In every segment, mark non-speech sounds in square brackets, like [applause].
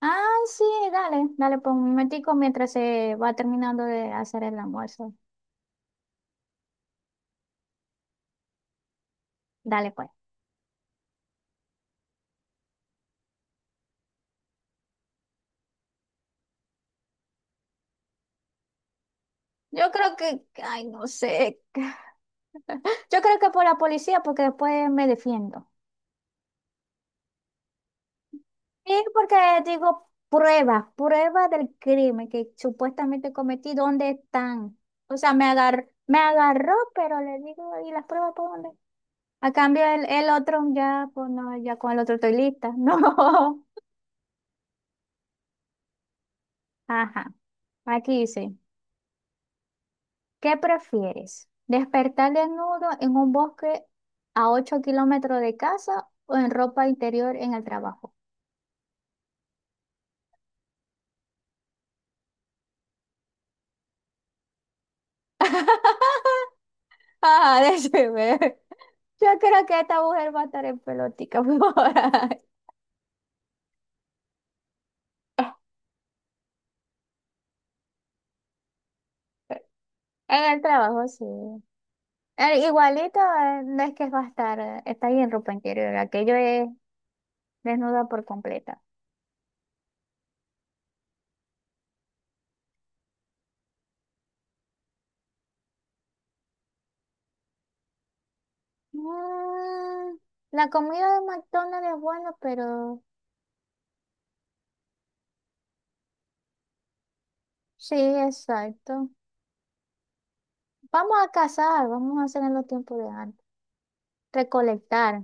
Ah, sí, dale, dale, pues un momentico mientras se va terminando de hacer el almuerzo. Dale, pues. Yo creo que, ay, no sé. [laughs] Yo creo que por la policía, porque después me defiendo. Y porque digo pruebas, pruebas del crimen que supuestamente cometí, ¿dónde están? O sea, me agarró, pero le digo, ¿y las pruebas por dónde? A cambio, el otro ya, pues no, ya con el otro estoy lista. [laughs] No. Ajá, aquí sí. ¿Qué prefieres? ¿Despertar desnudo en un bosque a 8 kilómetros de casa o en ropa interior en el trabajo? [laughs] Ah, déjeme. Yo creo que esta mujer va a estar en pelotica [laughs] por ahí. En el trabajo, sí. Igualito, no es que va a estar, está ahí en ropa interior. Aquello es desnuda por completa. Mm, la comida de McDonald's es buena, pero sí, exacto. Vamos a cazar, vamos a hacer en los tiempos de antes. Recolectar,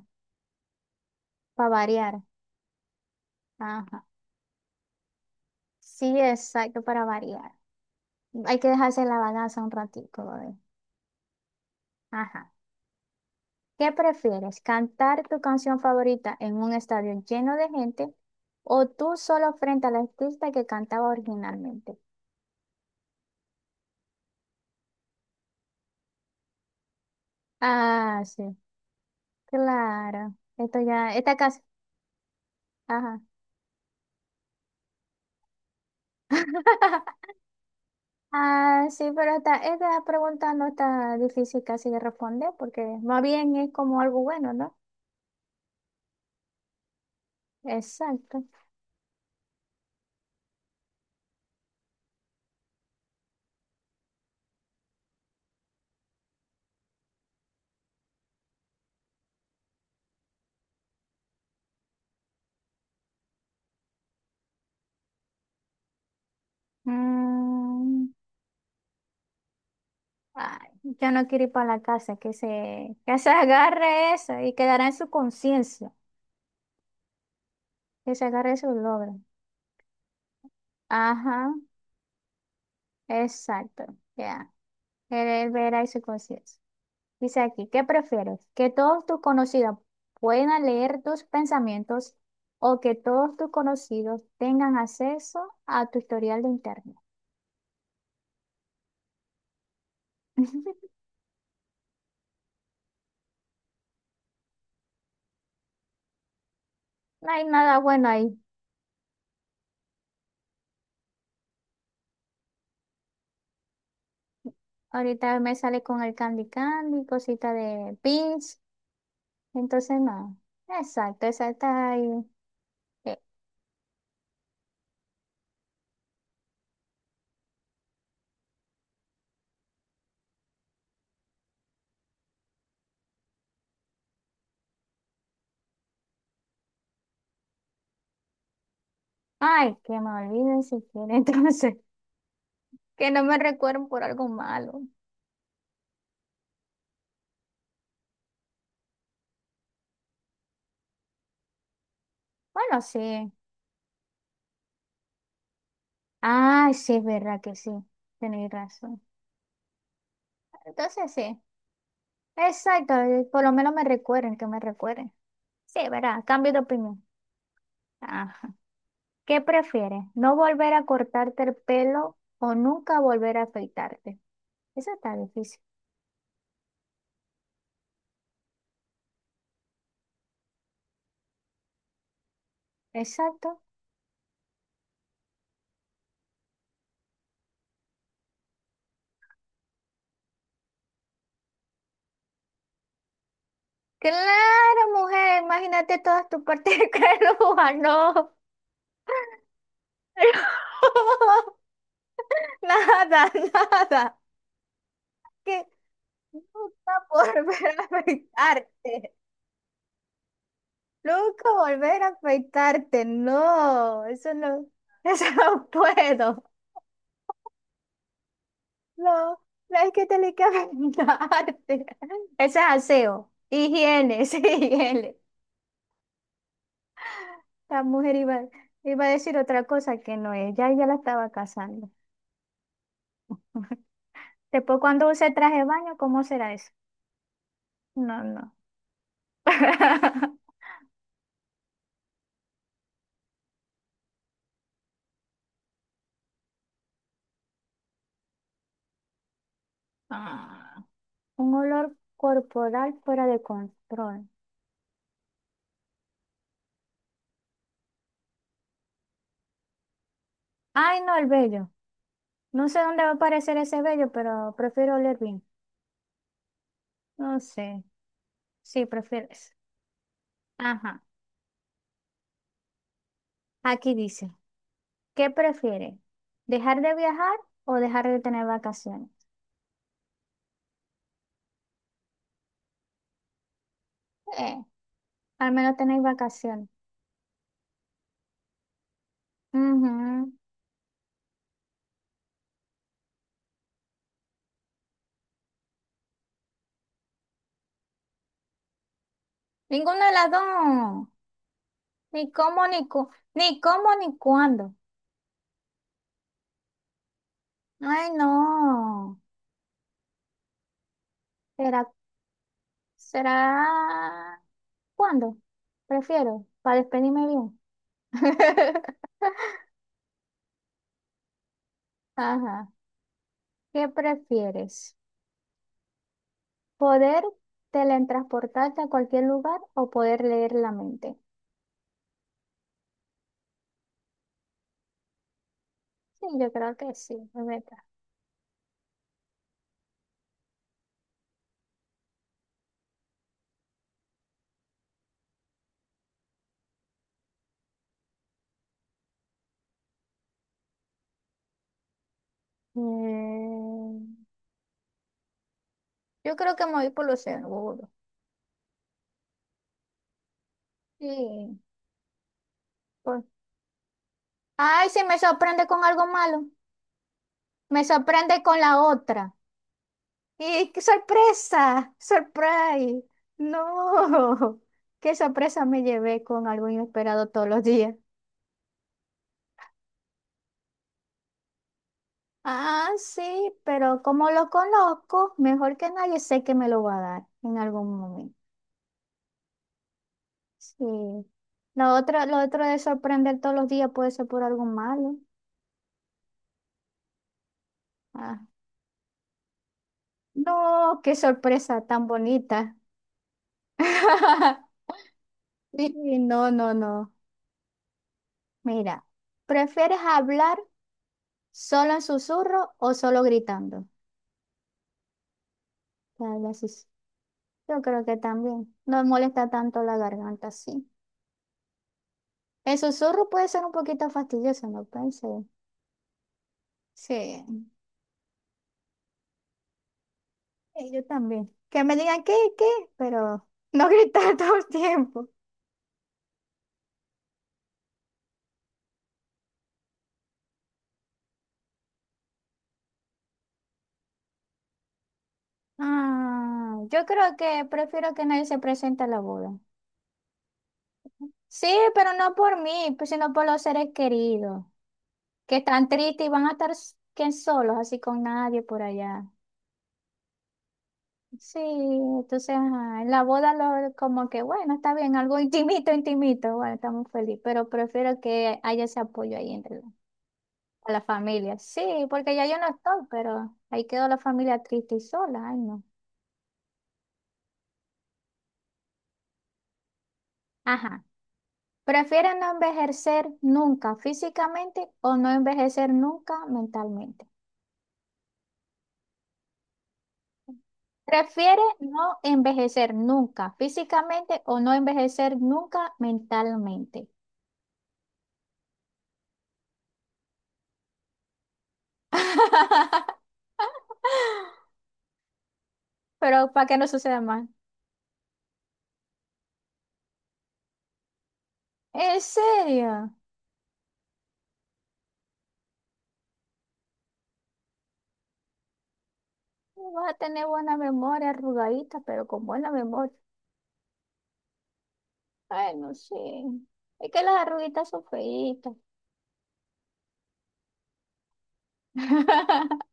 para variar. Ajá. Sí, exacto, para variar. Hay que dejarse la balanza un ratito, ¿vale? Ajá. ¿Qué prefieres? ¿Cantar tu canción favorita en un estadio lleno de gente o tú solo frente al artista que cantaba originalmente? Ah, sí, claro. Esto ya, esta casa. Ajá. [laughs] Ah, sí, pero esta pregunta no está difícil casi de responder porque más bien es como algo bueno, ¿no? Exacto. Mm, ay, yo no quiero ir para la casa, que se agarre eso y quedará en su conciencia, que se agarre su logro. Ajá, exacto, ya. Él verá y su conciencia. Dice aquí, ¿qué prefieres? ¿Que todos tus conocidos puedan leer tus pensamientos o que todos tus conocidos tengan acceso a tu historial de internet? [laughs] No hay nada bueno ahí. Ahorita me sale con el Candy Candy, cosita de Pinch. Entonces, no. Exacto, exacto. Ay, eh, ay, que me olviden si quieren. [laughs] Entonces, que no me recuerden por algo malo. Bueno, sí. Ay, sí, es verdad que sí. Tenéis razón. Entonces, sí. Exacto, por lo menos me recuerden, que me recuerden. Sí, ¿verdad? Cambio de opinión. Ajá. ¿Qué prefieres? ¿No volver a cortarte el pelo o nunca volver a afeitarte? Eso está difícil. Exacto. Claro, mujer, imagínate todas tus partes de peluda, no. [laughs] Nada, nada. Que nunca volver a afeitarte. Nunca volver a afeitarte, no. Eso no, [laughs] eso no puedo. No, no es que tenés que bañarte. [laughs] Ese es aseo. Higiene, [laughs] ese es higiene. La mujer iba a decir otra cosa que no es. Ya ella la estaba casando. [laughs] Después, cuando use traje de baño, ¿cómo será eso? No, no. [laughs] Ah, un olor corporal fuera de control. Ay, no, el vello. No sé dónde va a aparecer ese vello, pero prefiero oler bien. No sé. Sí, prefiero eso. Ajá. Aquí dice. ¿Qué prefieres? ¿Dejar de viajar o dejar de tener vacaciones? Eh, al menos tenéis vacaciones. Ujú. Ninguna de las dos. Ni cómo, ni cómo, ni cuándo. Ay, no. ¿Será, será cuándo? Prefiero, para despedirme bien. [laughs] Ajá. ¿Qué prefieres? ¿Poder teletransportarte a cualquier lugar o poder leer la mente? Sí, yo creo que sí. Mm, yo creo que me voy por lo seguro. Sí, pues. Ay, sí, me sorprende con algo malo. Me sorprende con la otra. ¡Y qué sorpresa! ¡Surprise! ¡No! [laughs] ¡Qué sorpresa me llevé con algo inesperado todos los días! Ah, sí, pero como lo conozco, mejor que nadie sé que me lo va a dar en algún momento. Sí. Lo otro de sorprender todos los días puede ser por algo malo. Ajá. No, qué sorpresa tan bonita. [laughs] Sí, no, no, no. Mira, ¿prefieres hablar solo en susurro o solo gritando? Te hablas sus- Yo creo que también. No molesta tanto la garganta, sí. El susurro puede ser un poquito fastidioso, no pensé. Sí, y yo también. Que me digan qué, pero no gritar [laughs] todo el tiempo. Ah, yo creo que prefiero que nadie se presente a la boda. Sí, pero no por mí, pues, sino por los seres queridos, que están tristes y van a estar que solos, así con nadie por allá. Sí, entonces, ajá, en la boda lo, como que, bueno, está bien, algo intimito, intimito, bueno, estamos felices, pero prefiero que haya ese apoyo ahí a la familia. Sí, porque ya yo no estoy, pero ahí quedó la familia triste y sola, ay no. Ajá. ¿Prefieren no envejecer nunca físicamente o no envejecer nunca mentalmente? Prefiere no envejecer nunca físicamente o no envejecer nunca mentalmente. [laughs] Pero para que no suceda más. ¿En serio? Vas a tener buena memoria, arrugadita, pero con buena memoria. Ay, no sé. Es que las arruguitas son feitas. [laughs]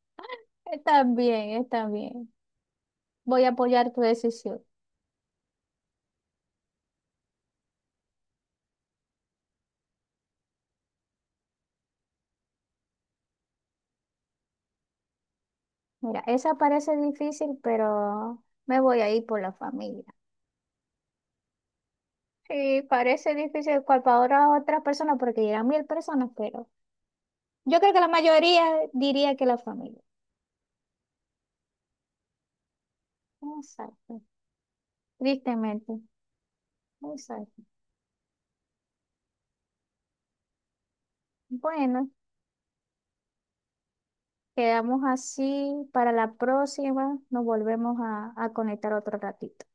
Está bien, está bien. Voy a apoyar tu decisión. Mira, esa parece difícil, pero me voy a ir por la familia. Sí, parece difícil cual para otras personas porque llegan 1000 personas, pero yo creo que la mayoría diría que la familia. Exacto. Tristemente. Exacto. Bueno, quedamos así para la próxima. Nos volvemos a conectar otro ratito.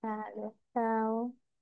Dale, chao.